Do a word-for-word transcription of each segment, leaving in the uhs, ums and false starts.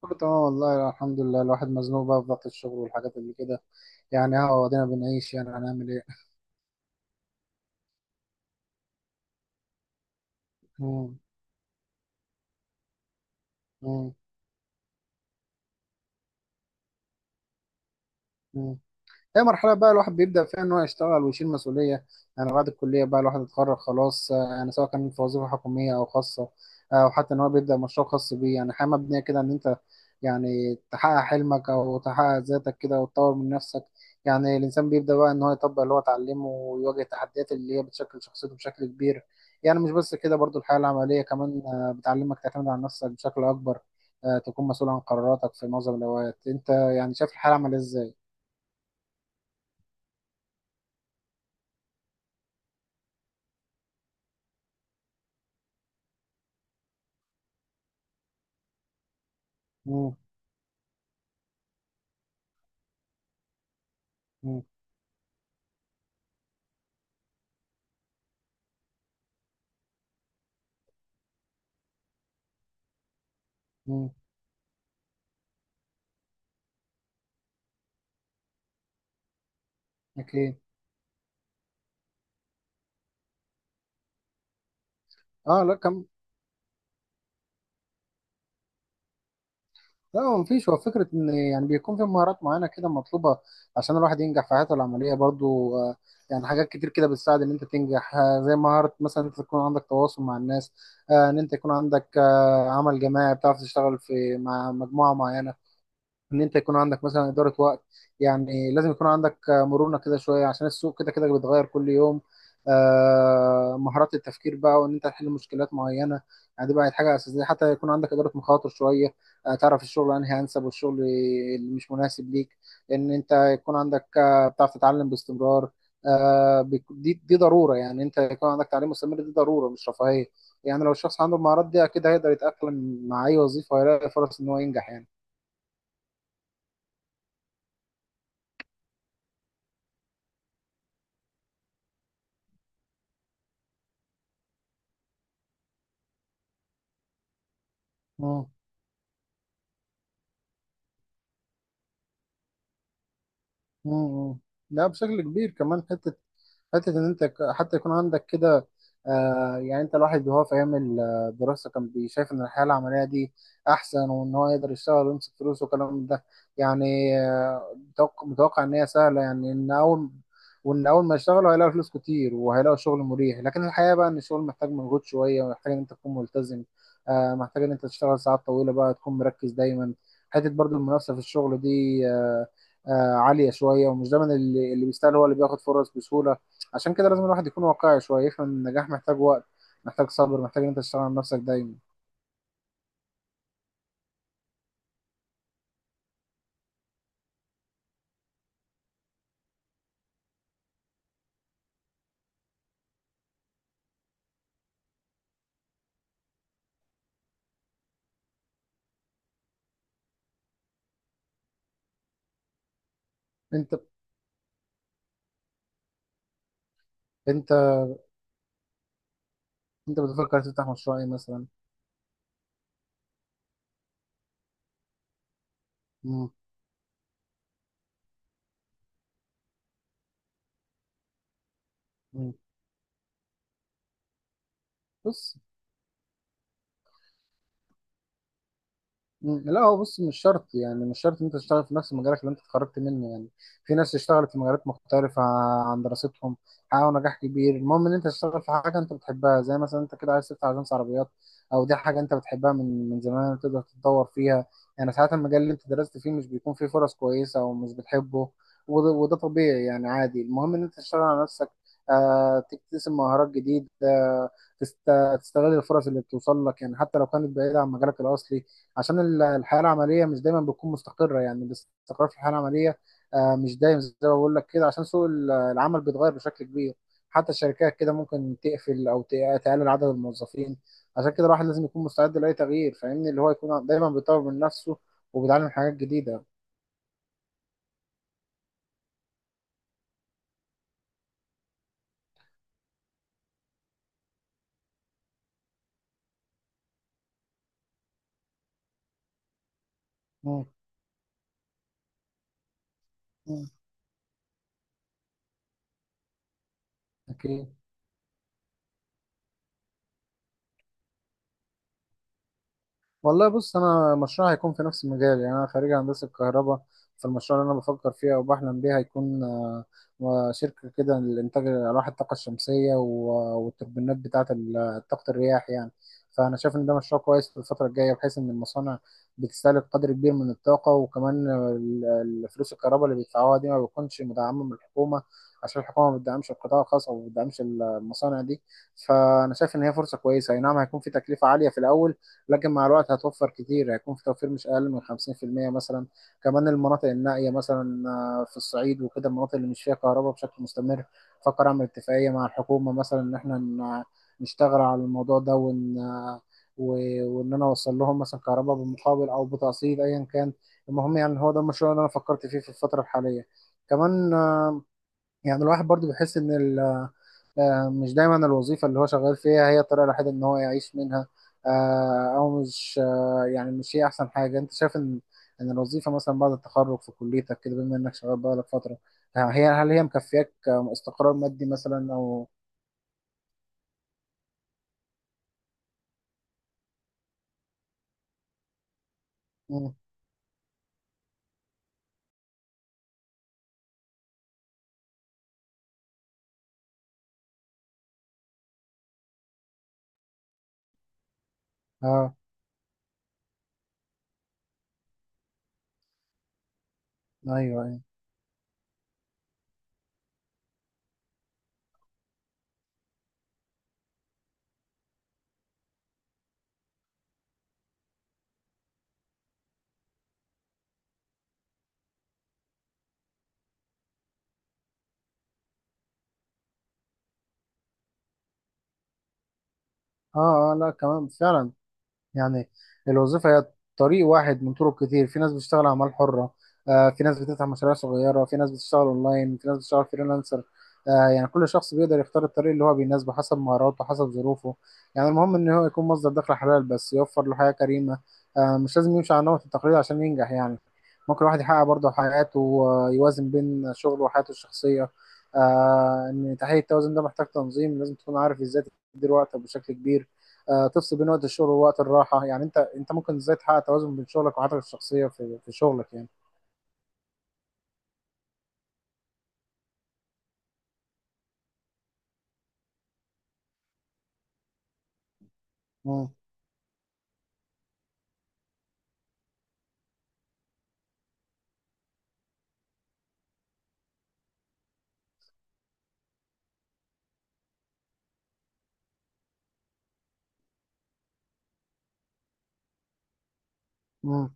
كله تمام والله الحمد لله. الواحد مزنوق بقى في ضغط الشغل والحاجات اللي كده. يعني اه ادينا بنعيش، يعني هنعمل ايه؟ مم، مم، مم. هي مرحلة بقى الواحد بيبدأ فيها إن هو يشتغل ويشيل مسؤولية. يعني بعد الكلية بقى الواحد اتخرج خلاص، آه، يعني سواء كان في وظيفة حكومية أو خاصة، آه، أو حتى إن هو بيبدأ مشروع خاص بيه. يعني حياة مبنية كده إن أنت يعني تحقق حلمك أو تحقق ذاتك كده وتطور من نفسك. يعني الإنسان بيبدأ بقى إن هو يطبق اللي هو اتعلمه ويواجه التحديات اللي هي بتشكل شخصيته بشكل كبير. يعني مش بس كده، برضو الحياة العملية كمان، آه، بتعلمك تعتمد على نفسك بشكل أكبر. آه، تكون مسؤول عن قراراتك في معظم الأوقات. أنت يعني شايف الحياة العملية إزاي؟ مم. مم. مم. اكيد. اه لا كم. لا هو مفيش، هو فكره ان يعني بيكون في مهارات معينه كده مطلوبه عشان الواحد ينجح في حياته العمليه برضو. آه، يعني حاجات كتير كده بتساعد ان انت تنجح، آه، زي مهاره مثلا انت تكون عندك تواصل مع الناس، آه، ان انت يكون عندك آه عمل جماعي، بتعرف تشتغل في مع مجموعه معينه، ان انت يكون عندك مثلا اداره وقت. يعني لازم يكون عندك آه، مرونه كده شويه عشان السوق كده كده بيتغير كل يوم. آه، مهارات التفكير بقى، وان انت تحل مشكلات معينه. يعني دي بقت حاجه اساسيه، حتى يكون عندك اداره مخاطر شويه. آه، تعرف الشغل انهي انسب والشغل اللي مش مناسب ليك. ان انت يكون عندك آه، بتعرف تتعلم باستمرار. آه، بيك- دي دي ضروره، يعني انت يكون عندك تعليم مستمر، دي ضروره مش رفاهيه. يعني لو الشخص عنده المهارات دي اكيد هيقدر يتاقلم مع اي وظيفه ويلاقي فرص ان هو ينجح يعني. مم. مم. لا بشكل كبير كمان حتة، حتة إن أنت ك- حتى يكون عندك كده. آه، يعني أنت الواحد وهو في أيام الدراسة كان بيشايف إن الحياة العملية دي أحسن، وإن هو يقدر يشتغل ويمسك فلوس والكلام من ده يعني. آه، متوقع متوقع إن هي سهلة، يعني إن أول وإن أول ما يشتغلوا هيلاقوا فلوس كتير وهيلاقوا شغل مريح. لكن الحقيقة بقى إن الشغل محتاج مجهود شوية ومحتاج إن أنت تكون ملتزم. آه، محتاج إن أنت تشتغل ساعات طويلة بقى، تكون مركز دايما. حتة برضو المنافسة في الشغل دي، آه، آه، عالية شوية، ومش دايما اللي اللي بيستاهل هو اللي بياخد فرص بسهولة. عشان كده لازم الواحد يكون واقعي شويه، يفهم ان النجاح محتاج وقت، محتاج صبر، محتاج ان انت تشتغل على نفسك دايما. انت انت انت بتفكر تفتح مشروع ايه مثلا؟ مم. مم. بص، مم، لا هو بص مش شرط، يعني مش شرط ان انت تشتغل في نفس مجالك اللي انت اتخرجت منه يعني. في ناس اشتغلت في مجالات مختلفة عن دراستهم حققوا نجاح كبير. المهم ان انت تشتغل في حاجة انت بتحبها، زي مثلا انت كده عايز تفتح اجنس عربيات، او دي حاجة انت بتحبها من من زمان تقدر تتطور فيها. يعني ساعات المجال اللي انت درست فيه مش بيكون فيه فرص كويسة او مش بتحبه، وده, وده طبيعي يعني، عادي. المهم ان انت تشتغل على نفسك، آه، تكتسب مهارات جديدة، آه، تست- تستغل الفرص اللي بتوصل لك، يعني حتى لو كانت بعيدة عن مجالك الأصلي. عشان ال- الحياه العمليه مش دايما بتكون مستقره، يعني الاستقرار في الحياه العمليه، آه، مش دايم زي ما بقول لك كده، عشان سوق ال- العمل بيتغير بشكل كبير. حتى الشركات كده ممكن تقفل او ت- تقلل عدد الموظفين. عشان كده الواحد لازم يكون مستعد لاي تغيير فاهمني، اللي هو يكون دايما بيطور من نفسه وبيتعلم حاجات جديده. مم. مم. اكيد. والله بص انا مشروع هيكون في نفس المجال، يعني انا خريج هندسه كهرباء. فالمشروع اللي انا بفكر فيه او بحلم بيه هيكون، آه، شركه كده لانتاج الواح الطاقه الشمسيه و- والتوربينات بتاعه ال- طاقه الرياح يعني. فانا شايف ان ده مشروع كويس في الفتره الجايه، بحيث ان المصانع بتستهلك قدر كبير من الطاقه. وكمان ال- ال- فلوس الكهرباء اللي بيدفعوها دي ما بتكونش مدعمه من الحكومه، عشان الحكومه ما بتدعمش القطاع الخاص او ما بتدعمش المصانع دي. فانا شايف ان هي فرصه كويسه. اي نعم هيكون في تكلفه عاليه في الاول، لكن مع الوقت هتوفر كتير، هيكون في توفير مش اقل من خمسين في المية مثلا. كمان المناطق النائيه مثلا، آه، في الصعيد وكده، المناطق اللي مش فيها كهرباء بشكل مستمر، فكر اعمل اتفاقيه مع الحكومه مثلا ان احنا ن- نشتغل على الموضوع ده، وان آه، و- وان انا اوصل لهم مثلا كهرباء بالمقابل او بتقسيط ايا كان. المهم يعني هو ده المشروع اللي انا فكرت فيه في الفتره الحاليه. كمان آه، يعني الواحد برضو بيحس ان ال- آه، مش دايما الوظيفة اللي هو شغال فيها هي الطريقة الوحيدة ان هو يعيش منها. آه، او مش آه، يعني مش هي احسن حاجة. انت شايف ان ان الوظيفة مثلا بعد التخرج في كليتك كده، بما انك شغال بقالك فترة، آه، هي هل هي مكفياك آه، استقرار مادي مثلا او؟ مم. اه. ايوه ايوه. اه اه لا كمان فعلا. يعني الوظيفة هي طريق واحد من طرق كتير. في ناس بتشتغل أعمال حرة، آه، في ناس بتفتح مشاريع صغيرة، في ناس بتشتغل أونلاين، في ناس بتشتغل فريلانسر. آه، يعني كل شخص بيقدر يختار الطريق اللي هو بيناسبه حسب مهاراته، حسب ظروفه. يعني المهم إن هو يكون مصدر دخل حلال بس يوفر له حياة كريمة. آه، مش لازم يمشي على نمط التقليد عشان ينجح يعني. ممكن الواحد يحقق برضه حياته ويوازن بين شغله وحياته الشخصية. آه، إن تحقيق التوازن ده محتاج تنظيم، لازم تكون عارف إزاي تدير وقتك بشكل كبير. آه، تفصل بين وقت الشغل ووقت الراحه. يعني انت انت ممكن ازاي تحقق توازن بين شغلك وحياتك الشخصيه في في شغلك يعني؟ امم امم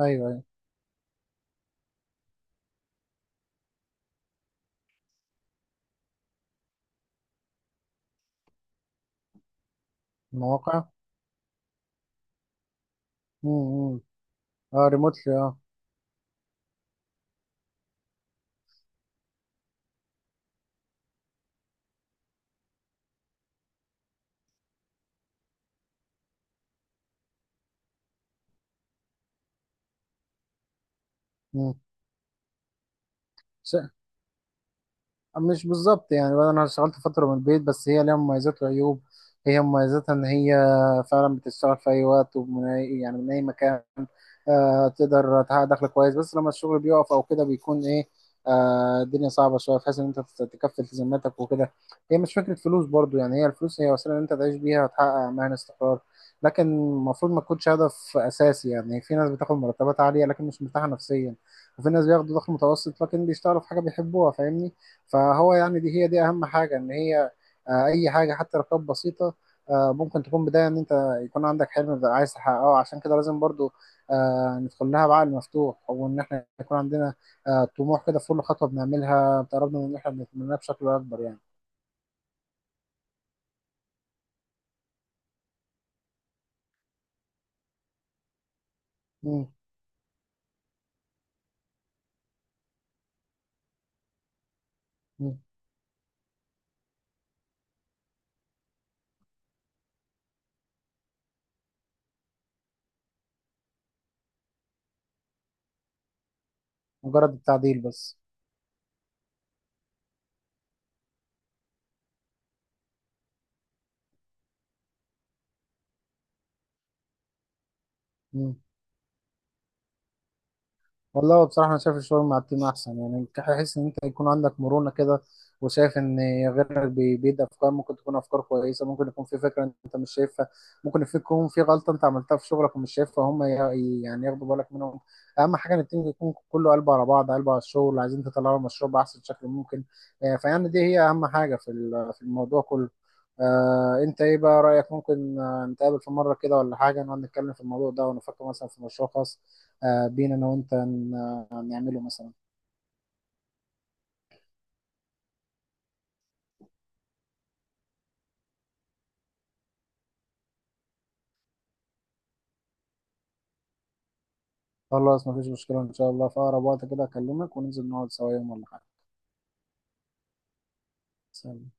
ايوه ايوه. المواقع. امم امم اه ريموتلي اه. مم. مش بالظبط يعني بقى، انا اشتغلت فتره من البيت، بس هي ليها مميزات وعيوب. هي مميزاتها ان هي فعلا بتشتغل في اي وقت ومن اي يعني من اي مكان. آه، تقدر تحقق دخل كويس. بس لما الشغل بيقف او كده بيكون ايه، آه، الدنيا صعبه شويه بحيث ان انت تت- تكفي التزاماتك وكده. هي مش فكره فلوس برضو، يعني هي الفلوس هي وسيله ان انت تعيش بيها وتحقق اماكن استقرار، لكن المفروض ما تكونش هدف اساسي. يعني في ناس بتاخد مرتبات عاليه لكن مش مرتاحه نفسيا، وفي ناس بياخدوا دخل متوسط لكن بيشتغلوا في حاجه بيحبوها فاهمني. فهو يعني دي هي دي اهم حاجه ان هي، آه، اي حاجه حتى لو كانت بسيطه، آه، ممكن تكون بدايه ان انت يكون عندك حلم بقى عايز تحققه. عشان كده لازم برضو، آه، ندخل لها بعقل مفتوح، وان احنا يكون عندنا، آه، طموح كده في كل خطوه بنعملها بتقربنا من ان احنا بنتمناها بشكل اكبر يعني. مم. مم. مجرد التعديل بس. والله هو بصراحة أنا شايف الشغل مع التيم أحسن، يعني تحس إن أنت يكون عندك مرونة كده، وشايف إن غيرك بي- بيدي أفكار ممكن تكون أفكار كويسة. ممكن يكون في فكرة أنت مش شايفها، ممكن في- يكون في غلطة أنت عملتها في شغلك ومش شايفها، هم ي- يعني ياخدوا بالك منهم. أهم حاجة إن التيم يكون كله قلبه على بعض، قلبه على الشغل، عايزين تطلعوا المشروع بأحسن شكل ممكن. آه، فيعني دي هي أهم حاجة في ال- في الموضوع كله. آه، أنت إيه بقى رأيك، ممكن آه، نتقابل في مرة كده ولا حاجة، نقعد نتكلم في الموضوع ده ونفكر مثلا في مشروع خاص، آه، بينا انا وانت ن- نعمله مثلا. خلاص مفيش مشكلة، ان شاء الله في اقرب وقت كده اكلمك وننزل نقعد سوا يوم ولا حاجة. سلام.